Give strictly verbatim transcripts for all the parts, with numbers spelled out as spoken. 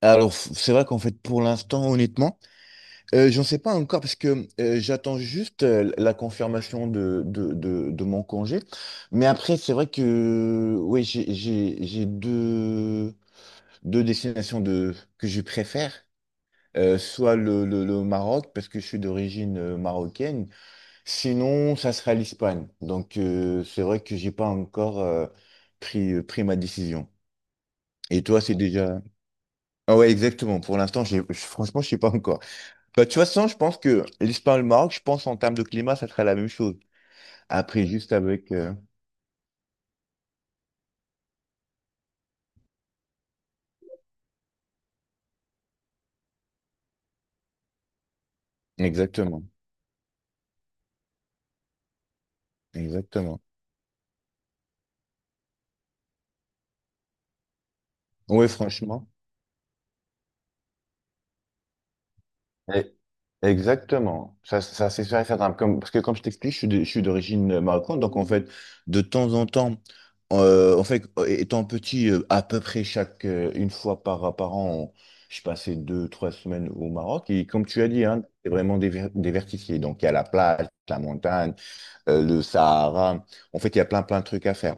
Alors, f- c'est vrai qu'en fait, pour l'instant, honnêtement, euh, j'en sais pas encore parce que euh, j'attends juste euh, la confirmation de, de, de, de mon congé. Mais après, c'est vrai que oui, j'ai j'ai- j'ai deux, deux destinations de, que je préfère. Euh, soit le, le, le Maroc, parce que je suis d'origine euh, marocaine. Sinon, ça sera l'Espagne. Donc, euh, c'est vrai que j'ai pas encore euh, pris, euh, pris ma décision. Et toi, c'est déjà... Ah ouais, exactement. Pour l'instant, j'ai- franchement, je sais pas encore. Bah, tu vois, toute façon, je pense que l'Espagne et le Maroc, je pense en termes de climat, ça serait la même chose. Après, juste avec... euh, exactement, exactement. Oui, franchement. Eh, exactement. Ça, ça c'est sûr et certain. Comme, parce que comme je t'explique, je suis de- je suis d'origine euh, marocaine. Donc, en fait, de temps en temps, euh, en fait, euh, étant petit, euh, à peu près chaque... euh, une fois par, par an, on- je passais deux, trois semaines au Maroc. Et comme tu as dit, hein, c'est vraiment déver- diversifié. Donc, il y a la plage, la montagne. Euh, le Sahara. En fait, il y a plein, plein de trucs à faire.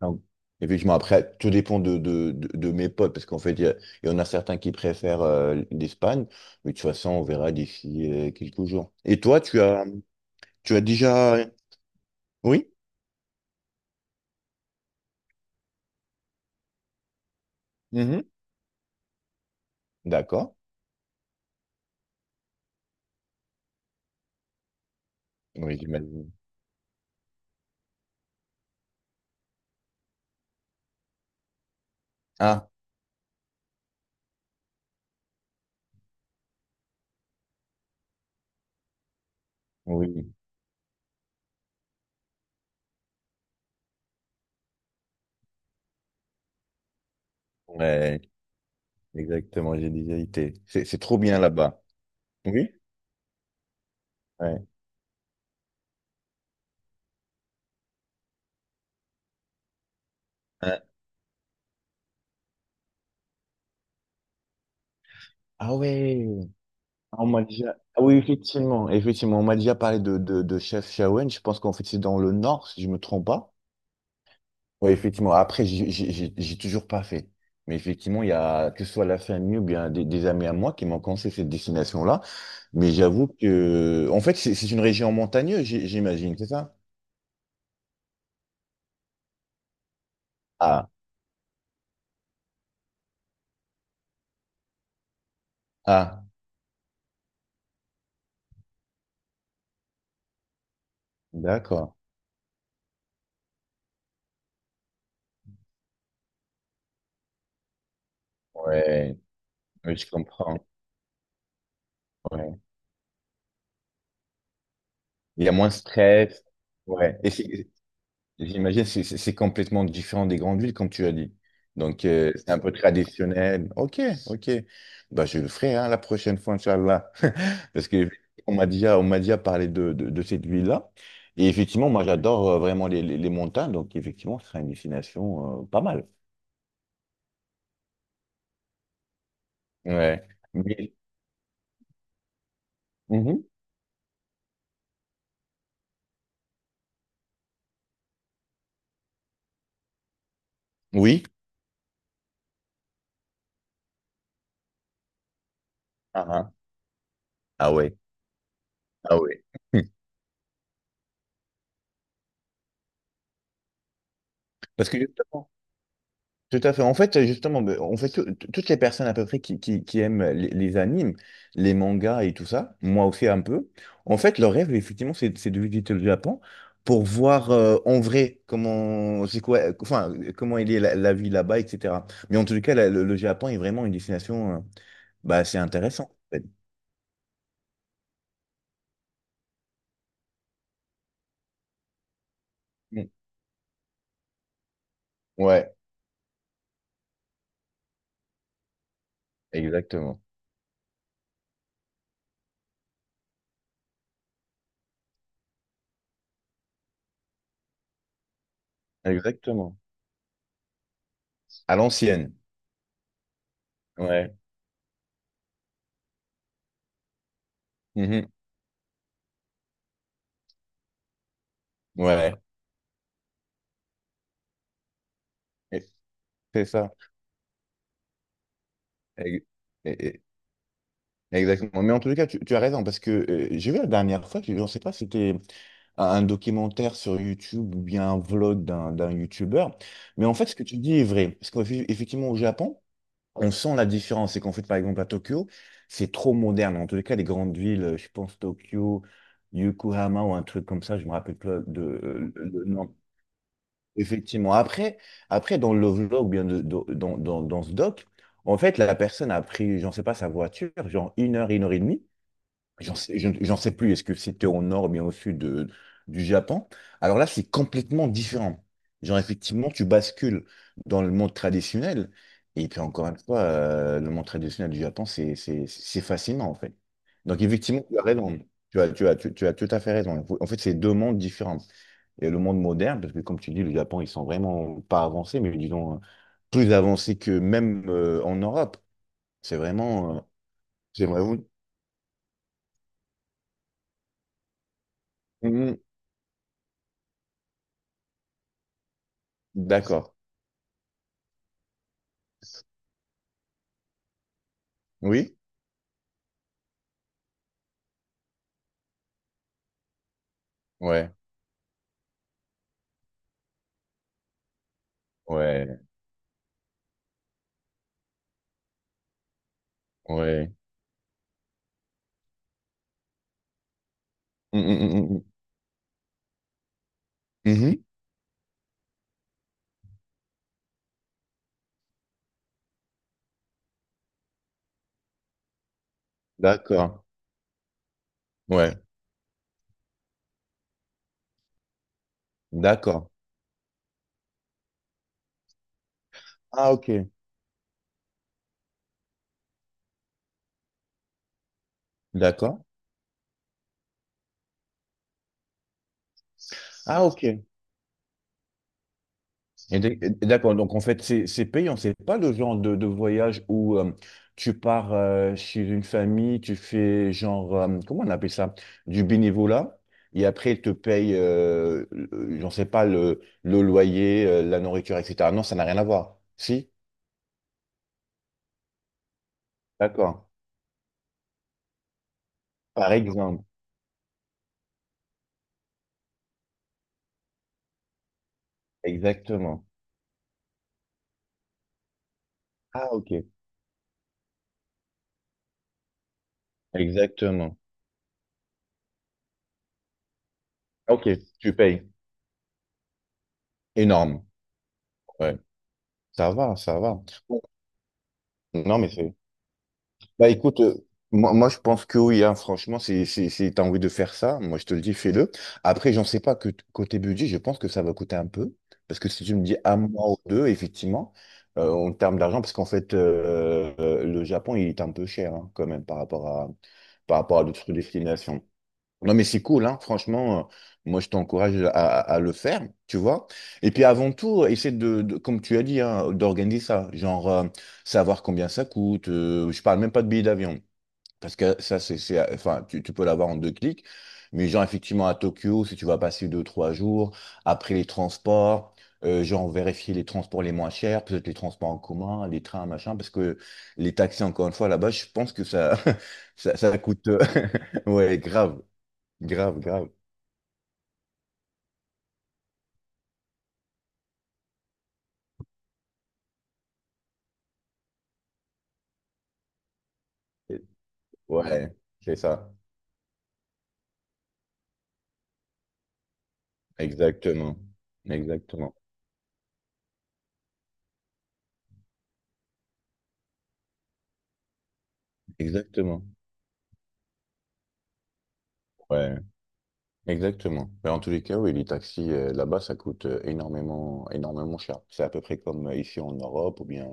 Donc, effectivement, après, tout dépend de, de, de, de mes potes, parce qu'en fait, il y, a- il y en a certains qui préfèrent euh, l'Espagne, mais de toute façon, on verra d'ici euh, quelques jours. Et toi, tu as, tu as déjà... Oui? Mhm. D'accord. Oui, j'imagine. Ah, oui. Ouais, exactement, j'ai déjà été. C'est c'est trop bien là-bas. Oui? Ouais. Hein. Ah ouais. On m'a déjà... Ah oui, effectivement, effectivement, on m'a déjà parlé de, de, de Chef Shawen. Je pense qu'en fait, c'est dans le nord, si je me trompe pas. Oui, effectivement. Après, j'ai j'ai- j'ai- j'ai toujours pas fait. Mais effectivement, il y a, que ce soit la famille ou bien des, des amis à moi qui m'ont conseillé cette destination-là. Mais j'avoue que, en fait, c'est c'est une région montagneuse, j'ai- j'imagine, c'est ça? Ah, ah, d'accord. Ouais, oui, je comprends. Ouais. Il y a moins de stress. Ouais. Et c'est J'imagine, c'est c'est- c'est complètement différent des grandes villes, comme tu as dit. Donc, euh, c'est un peu traditionnel. Ok, ok. Bah, je le ferai hein, la prochaine fois, Inch'Allah. Parce que on m'a déjà, on m'a déjà parlé de, de, de cette ville-là. Et effectivement, moi, j'adore euh, vraiment les, les, les montagnes. Donc, effectivement, ce sera une destination euh, pas mal. Ouais. Mais- Mhm. Oui. Ah, ah. Ah ouais. Ah ouais. Parce que justement, tout à fait. En fait, justement, ben, en fait, tout- tout- toutes les personnes à peu près qui, qui, qui aiment les, les animes, les mangas et tout ça, moi aussi un peu, en fait, leur rêve, effectivement, c'est c'est de visiter le Japon pour voir euh, en vrai comment c'est quoi, enfin, comment il est la, la vie là-bas, et cétéra. Mais en tout cas, la- le, le Japon est vraiment une destination, euh, bah, c'est intéressant. En fait. Mm. Ouais, exactement. Exactement. À l'ancienne. Ouais. Mhm. Ouais. Et- C'est ça. Et- et- Exactement. Mais en tous les cas, tu, tu as raison, parce que euh, j'ai vu la dernière fois, je ne sais pas si c'était un un documentaire sur YouTube ou bien un vlog d'un d'un YouTuber, mais en fait, ce que tu dis est vrai. Parce qu'effectivement, au Japon, on sent la différence. C'est qu'en fait, par exemple, à Tokyo, c'est trop moderne. En tous les cas, les grandes villes, euh, je pense Tokyo, Yokohama ou un truc comme ça, je me rappelle pas de, euh, le nom. Effectivement. Après, après, dans le vlog, ou bien de- de- dans, dans, dans ce doc, en fait, la personne a pris, j'en sais pas, sa voiture, genre une heure, une heure et demie. J'en sais, je- j'en sais plus, est-ce que c'était au nord ou bien au sud de- du Japon? Alors là, c'est complètement différent. Genre, effectivement, tu bascules dans le monde traditionnel. Et puis, encore une fois, euh, le monde traditionnel du Japon, c'est c'est- c'est fascinant, en fait. Donc, effectivement, tu as raison. Tu as, tu as, tu, tu as tout à fait raison. En fait, c'est deux mondes différents. Et le monde moderne, parce que, comme tu dis, le Japon, ils sont vraiment pas avancés, mais disons, plus avancés que même euh, en Europe. C'est vraiment... euh, c'est vraiment... Mhm. D'accord. Oui? Ouais, ouais, ouais. Mm, mm, mm, mm, mm. Mhm. D'accord. Ouais, d'accord. Ah, ok. D'accord. Ah, ok. Et d- et d'accord. Donc, en fait, c'est c'est payant. C'est pas le genre de, de voyage où euh, tu pars euh, chez une famille, tu fais genre, euh, comment on appelle ça? Du bénévolat. Et après, ils te payent, euh, euh, j'en sais pas, le, le loyer, euh, la nourriture, et cétéra. Non, ça n'a rien à voir. Si? D'accord. Par exemple. Exactement. Ah, ok. Exactement. Ok, tu payes. Énorme. Ouais. Ça va, ça va. Non, mais c'est. Bah écoute, euh, moi, moi je pense que oui, hein, franchement, si, si, si tu as envie de faire ça, moi je te le dis, fais-le. Après, j'en sais pas que t- côté budget, je pense que ça va coûter un peu. Parce que si tu me dis un mois ou deux, effectivement, euh, en termes d'argent, parce qu'en fait, euh, euh, le Japon, il est un peu cher hein, quand même par rapport à par rapport à d'autres destinations. Non, mais c'est cool, hein. Franchement, euh, moi, je t'encourage à, à- à le faire, tu vois. Et puis, avant tout, essaie de, de- comme tu as dit, hein, d'organiser ça. Genre, euh, savoir combien ça coûte. Euh, je parle même pas de billets d'avion. Parce que ça, c'est, c'est- enfin, tu, tu peux l'avoir en deux clics. Mais genre, effectivement, à Tokyo, si tu vas passer deux, trois jours, après les transports, euh, genre, vérifier les transports les moins chers, peut-être les transports en commun, les trains, machin, parce que les taxis, encore une fois, là-bas, je pense que ça, ça, ça coûte, euh, ouais, grave. Grave, grave. Et- Ouais, c'est ça. Exactement. Exactement. Exactement. Ouais, exactement. Mais en tous les cas, oui, les taxis euh, là-bas, ça coûte euh, énormément, énormément cher. C'est à peu près comme euh, ici en Europe ou bien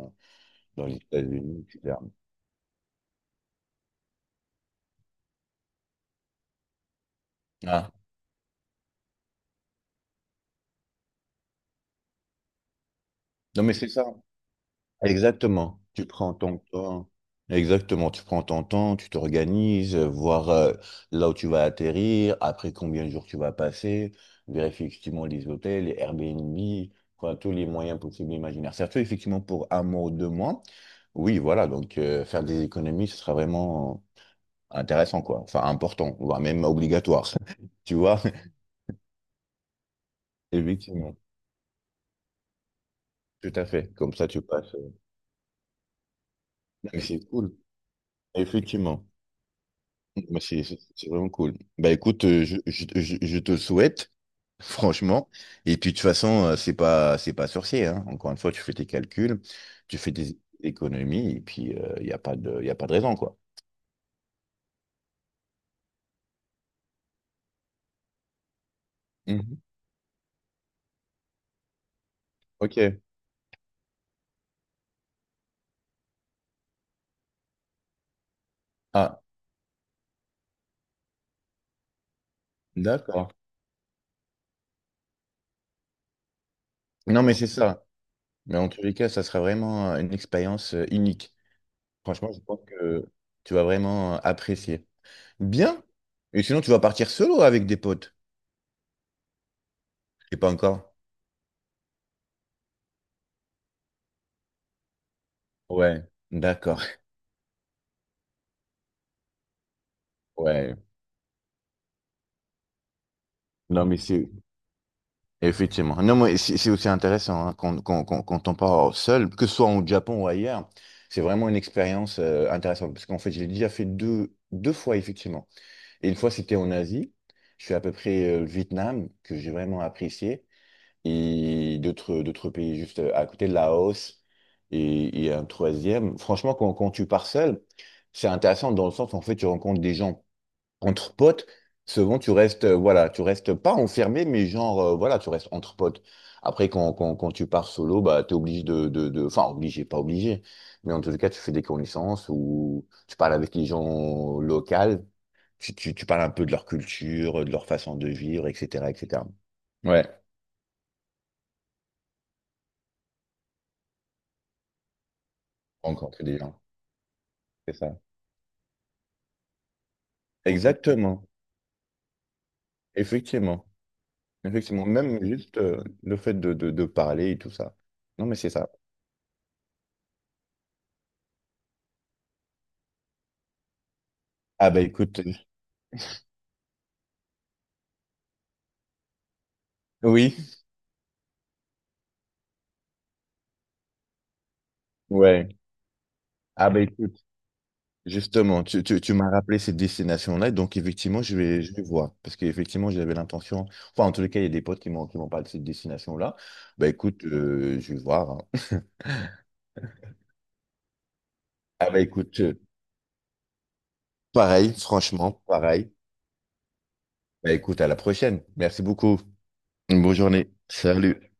dans les États-Unis, et cétéra. Ah. Non, mais c'est ça. Exactement. Tu prends ton temps. Exactement. Tu prends ton temps, tu t'organises, euh, voir euh, là où tu vas atterrir, après combien de jours tu vas passer, vérifier effectivement les hôtels, les Airbnb, enfin, tous les moyens possibles et imaginaires. Surtout effectivement pour un mois ou deux mois. Oui, voilà. Donc euh, faire des économies, ce sera vraiment intéressant, quoi. Enfin, important, voire même obligatoire. Tu vois? Effectivement. Tout à fait. Comme ça, tu passes. Euh, mais c'est cool. Effectivement. Mais C'est c'est- c'est vraiment cool. Bah écoute, euh, je, je, je, je te le souhaite, franchement. Et puis de toute façon, euh, c'est pas, c'est pas sorcier, hein. Encore une fois, tu fais tes calculs, tu fais des économies, et puis il n'y a pas de, y a pas de raison, quoi. Mhm. Ok. Ah, d'accord. Non, mais c'est ça. Mais en tous les cas, ça sera vraiment euh, une expérience euh, unique. Franchement, je pense que tu vas vraiment euh, apprécier. Bien. Et sinon, tu vas partir solo avec des potes? Et pas encore. Ouais. D'accord. Ouais. Non, mais c'est Effectivement. Non, mais c'est c'est aussi intéressant hein, quand, quand, quand, quand on part seul, que ce soit au Japon ou ailleurs, c'est vraiment une expérience euh, intéressante. Parce qu'en fait, j'ai déjà fait deux, deux fois, effectivement. Et une fois, c'était en Asie. Je suis à peu près euh, le Vietnam, que j'ai vraiment apprécié. Et d'autres, d'autres pays juste euh, à côté, Laos. Et, et un troisième. Franchement, quand, quand tu pars seul, c'est intéressant dans le sens où en fait, tu rencontres des gens entre potes, souvent tu restes, euh, voilà, tu restes pas enfermé, mais genre, euh, voilà, tu restes entre potes. Après, quand, quand, quand tu pars solo, bah, t'es obligé de, de, de, enfin, obligé, pas obligé, mais en tout cas, tu fais des connaissances ou tu parles avec les gens locaux, tu, tu, tu parles un peu de leur culture, de leur façon de vivre, et cétéra, et cétéra. Ouais, rencontrer des gens, c'est ça. Exactement, effectivement, effectivement, même juste euh, le fait de, de, de parler et tout ça. Non, mais c'est ça. Ah, bah écoute, euh, oui, ouais. Ah bah écoute, justement, tu, tu, tu m'as rappelé cette destination-là, donc effectivement, je vais, je vais voir, parce qu'effectivement, j'avais l'intention, enfin, en tous les cas, il y a des potes qui m'ont qui m'ont parlé de cette destination-là, bah écoute, euh, je vais voir. Hein. Ah bah écoute, euh, pareil, franchement, pareil, bah écoute, à la prochaine, merci beaucoup, une bonne journée, salut.